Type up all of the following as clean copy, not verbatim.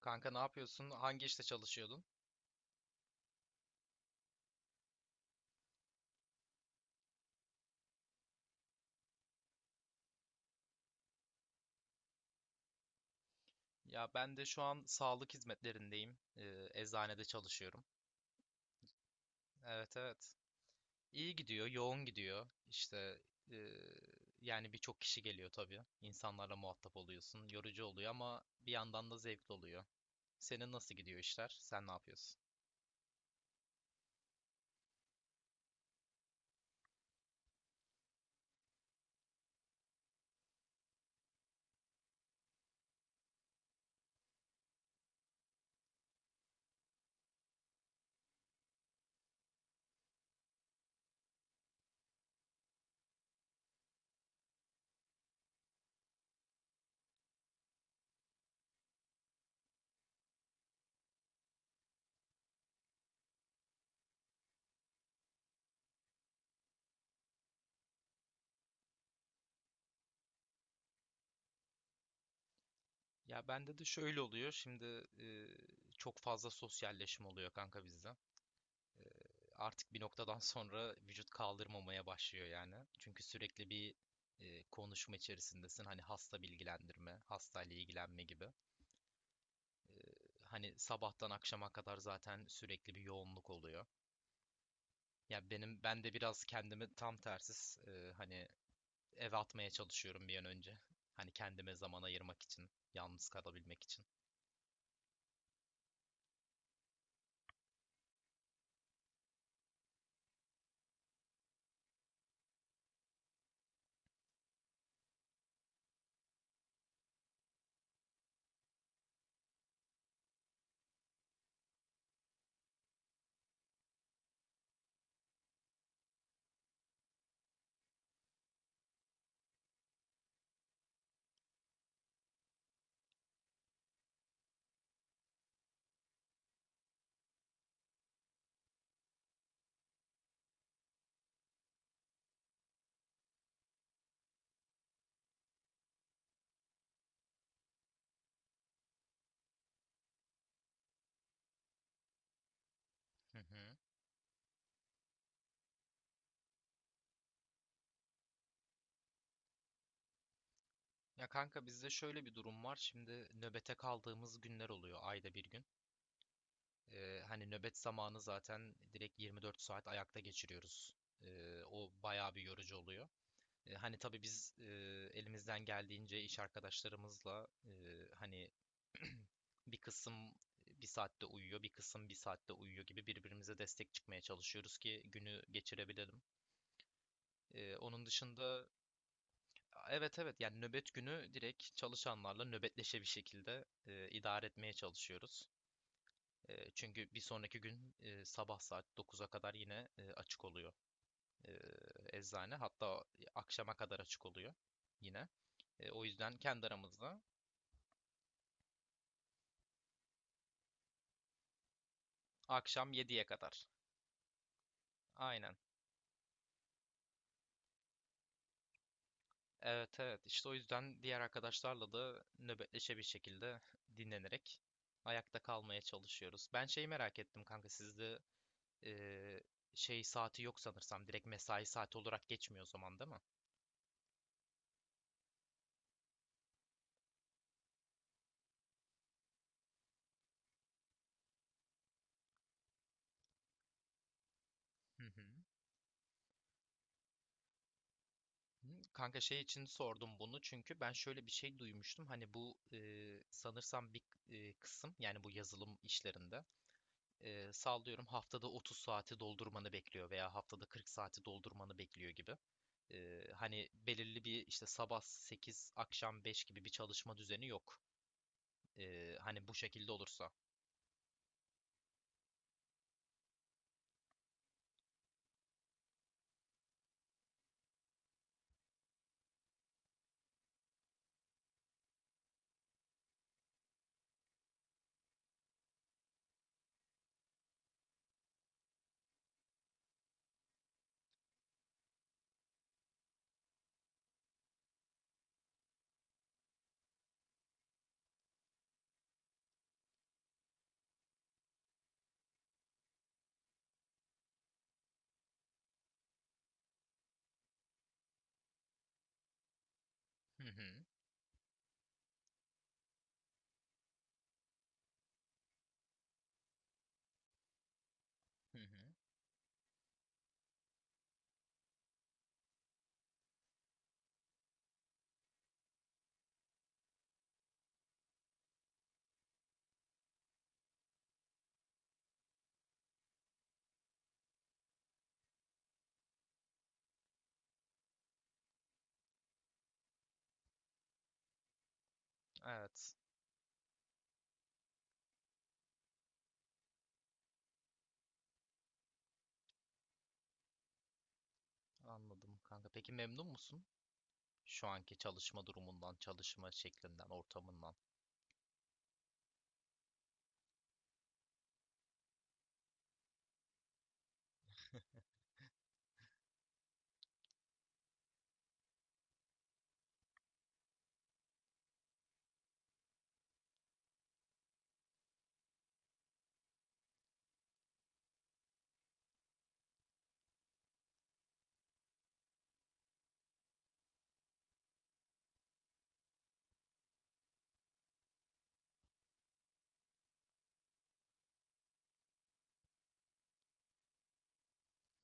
Kanka ne yapıyorsun? Hangi işte çalışıyordun? Ya ben de şu an sağlık hizmetlerindeyim. Eczanede çalışıyorum. Evet, evet. İyi gidiyor, yoğun gidiyor. İşte ee, yani birçok kişi geliyor tabii. İnsanlarla muhatap oluyorsun. Yorucu oluyor ama bir yandan da zevkli oluyor. Senin nasıl gidiyor işler? Sen ne yapıyorsun? Ya bende de şöyle oluyor. Şimdi ee, çok fazla sosyalleşim oluyor kanka bizde. Artık bir noktadan sonra vücut kaldırmamaya başlıyor yani. Çünkü sürekli bir konuşma içerisindesin. Hani hasta bilgilendirme, hastayla ilgilenme gibi. E, hani sabahtan akşama kadar zaten sürekli bir yoğunluk oluyor. Ya ben de biraz kendimi tam tersiz hani eve atmaya çalışıyorum bir an önce. Hani kendime zaman ayırmak için, yalnız kalabilmek için. Hı hı. Ya kanka bizde şöyle bir durum var. Şimdi nöbete kaldığımız günler oluyor ayda bir gün. Hani nöbet zamanı zaten direkt 24 saat ayakta geçiriyoruz. O bayağı bir yorucu oluyor. Hani tabii biz elimizden geldiğince iş arkadaşlarımızla hani bir kısım bir saatte uyuyor, bir kısım bir saatte uyuyor gibi birbirimize destek çıkmaya çalışıyoruz ki günü geçirebilelim. Onun dışında, evet, evet, yani nöbet günü direkt çalışanlarla nöbetleşe bir şekilde idare etmeye çalışıyoruz. Çünkü bir sonraki gün sabah saat 9'a kadar yine açık oluyor e, eczane. Hatta akşama kadar açık oluyor yine. O yüzden kendi aramızda akşam 7'ye kadar. Aynen. Evet, evet, işte o yüzden diğer arkadaşlarla da nöbetleşe bir şekilde dinlenerek ayakta kalmaya çalışıyoruz. Ben şeyi merak ettim kanka sizde e, şey saati yok sanırsam direkt mesai saati olarak geçmiyor o zaman değil mi? Hı hı. Hı, Kanka şey için sordum bunu çünkü ben şöyle bir şey duymuştum. Hani bu sanırsam bir kısım yani bu yazılım işlerinde sallıyorum haftada 30 saati doldurmanı bekliyor veya haftada 40 saati doldurmanı bekliyor gibi. Hani belirli bir işte sabah 8 akşam 5 gibi bir çalışma düzeni yok. Hani bu şekilde olursa. Hı hı, hı hı. Evet, anladım kanka. Peki memnun musun şu anki çalışma durumundan, çalışma şeklinden, ortamından?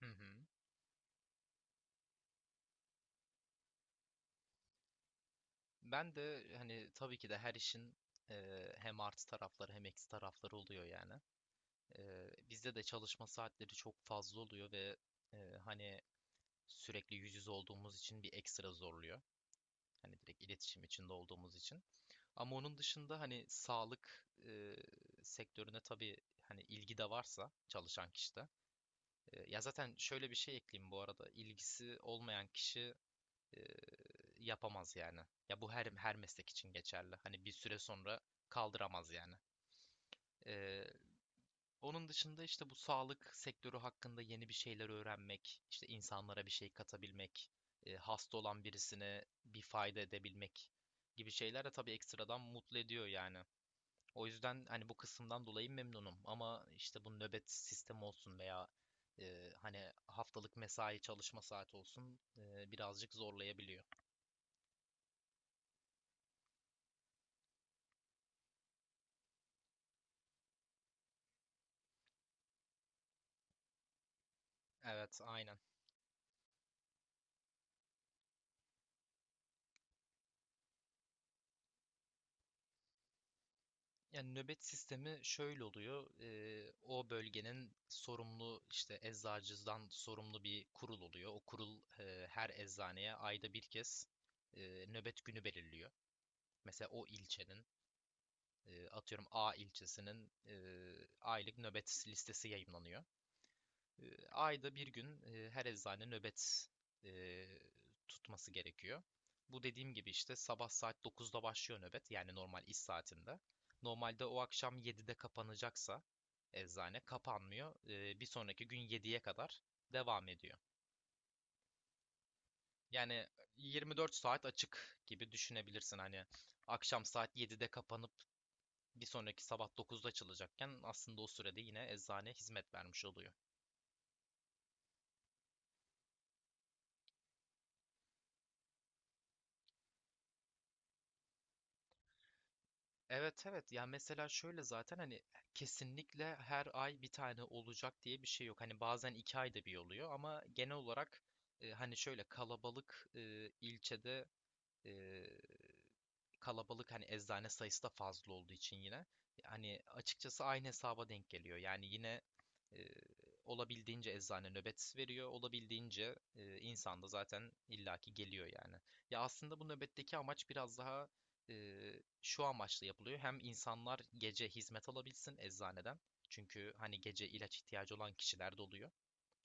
Hı hı. Ben de hani tabii ki de her işin hem artı tarafları hem eksi tarafları oluyor yani. Bizde de çalışma saatleri çok fazla oluyor ve hani sürekli yüz yüze olduğumuz için bir ekstra zorluyor. Hani direkt iletişim içinde olduğumuz için. Ama onun dışında hani sağlık sektörüne tabii hani ilgi de varsa çalışan kişide. Ya zaten şöyle bir şey ekleyeyim bu arada. İlgisi olmayan kişi e, yapamaz yani. Ya bu her meslek için geçerli. Hani bir süre sonra kaldıramaz yani. Ee, onun dışında işte bu sağlık sektörü hakkında yeni bir şeyler öğrenmek, işte insanlara bir şey katabilmek, hasta olan birisine bir fayda edebilmek gibi şeyler de tabii ekstradan mutlu ediyor yani. O yüzden hani bu kısımdan dolayı memnunum ama işte bu nöbet sistemi olsun veya hani haftalık mesai çalışma saati olsun birazcık zorlayabiliyor. Evet, aynen. Yani nöbet sistemi şöyle oluyor. O bölgenin sorumlu işte eczacıdan sorumlu bir kurul oluyor. O kurul her eczaneye ayda bir kez nöbet günü belirliyor. Mesela o ilçenin atıyorum A ilçesinin aylık nöbet listesi yayımlanıyor. Ayda bir gün her eczane nöbet e, tutması gerekiyor. Bu dediğim gibi işte sabah saat 9'da başlıyor nöbet yani normal iş saatinde. Normalde o akşam 7'de kapanacaksa eczane kapanmıyor. Bir sonraki gün 7'ye kadar devam ediyor. Yani 24 saat açık gibi düşünebilirsin. Hani akşam saat 7'de kapanıp bir sonraki sabah 9'da açılacakken aslında o sürede yine eczane hizmet vermiş oluyor. Evet, evet, ya mesela şöyle zaten hani kesinlikle her ay bir tane olacak diye bir şey yok. Hani bazen iki ayda bir oluyor ama genel olarak hani şöyle kalabalık ilçede ee, kalabalık hani eczane sayısı da fazla olduğu için yine hani açıkçası aynı hesaba denk geliyor. Yani yine e, olabildiğince eczane nöbet veriyor, olabildiğince insan da zaten illaki geliyor yani. Ya aslında bu nöbetteki amaç biraz daha e, şu amaçla yapılıyor. Hem insanlar gece hizmet alabilsin eczaneden. Çünkü hani gece ilaç ihtiyacı olan kişiler de oluyor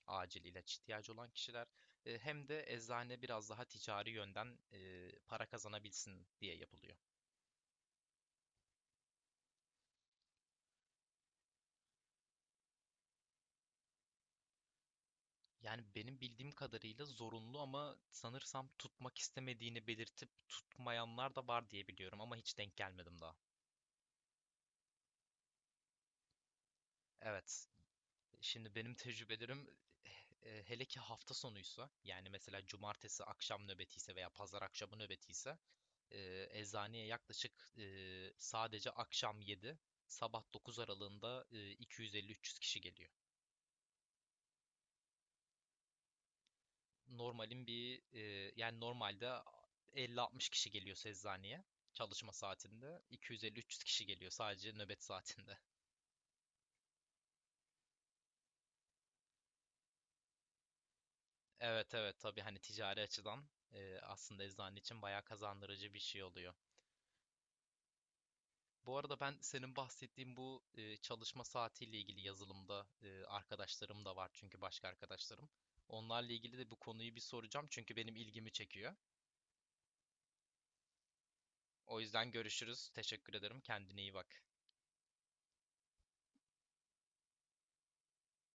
acil ilaç ihtiyacı olan kişiler hem de eczane biraz daha ticari yönden para kazanabilsin diye yapılıyor. Yani benim bildiğim kadarıyla zorunlu ama sanırsam tutmak istemediğini belirtip tutmayanlar da var diye biliyorum ama hiç denk gelmedim daha. Evet. Şimdi benim tecrübelerim hele ki hafta sonuysa yani mesela cumartesi akşam nöbetiyse veya pazar akşamı nöbetiyse eczaneye yaklaşık sadece akşam 7, sabah 9 aralığında 250-300 kişi geliyor. Yani normalde 50-60 kişi geliyor eczaneye çalışma saatinde. 250-300 kişi geliyor sadece nöbet saatinde. Evet, evet, tabii hani ticari açıdan aslında eczane için bayağı kazandırıcı bir şey oluyor. Bu arada ben senin bahsettiğin bu çalışma saatiyle ilgili yazılımda arkadaşlarım da var çünkü başka arkadaşlarım. Onlarla ilgili de bu konuyu bir soracağım çünkü benim ilgimi çekiyor. O yüzden görüşürüz. Teşekkür ederim. Kendine iyi bak.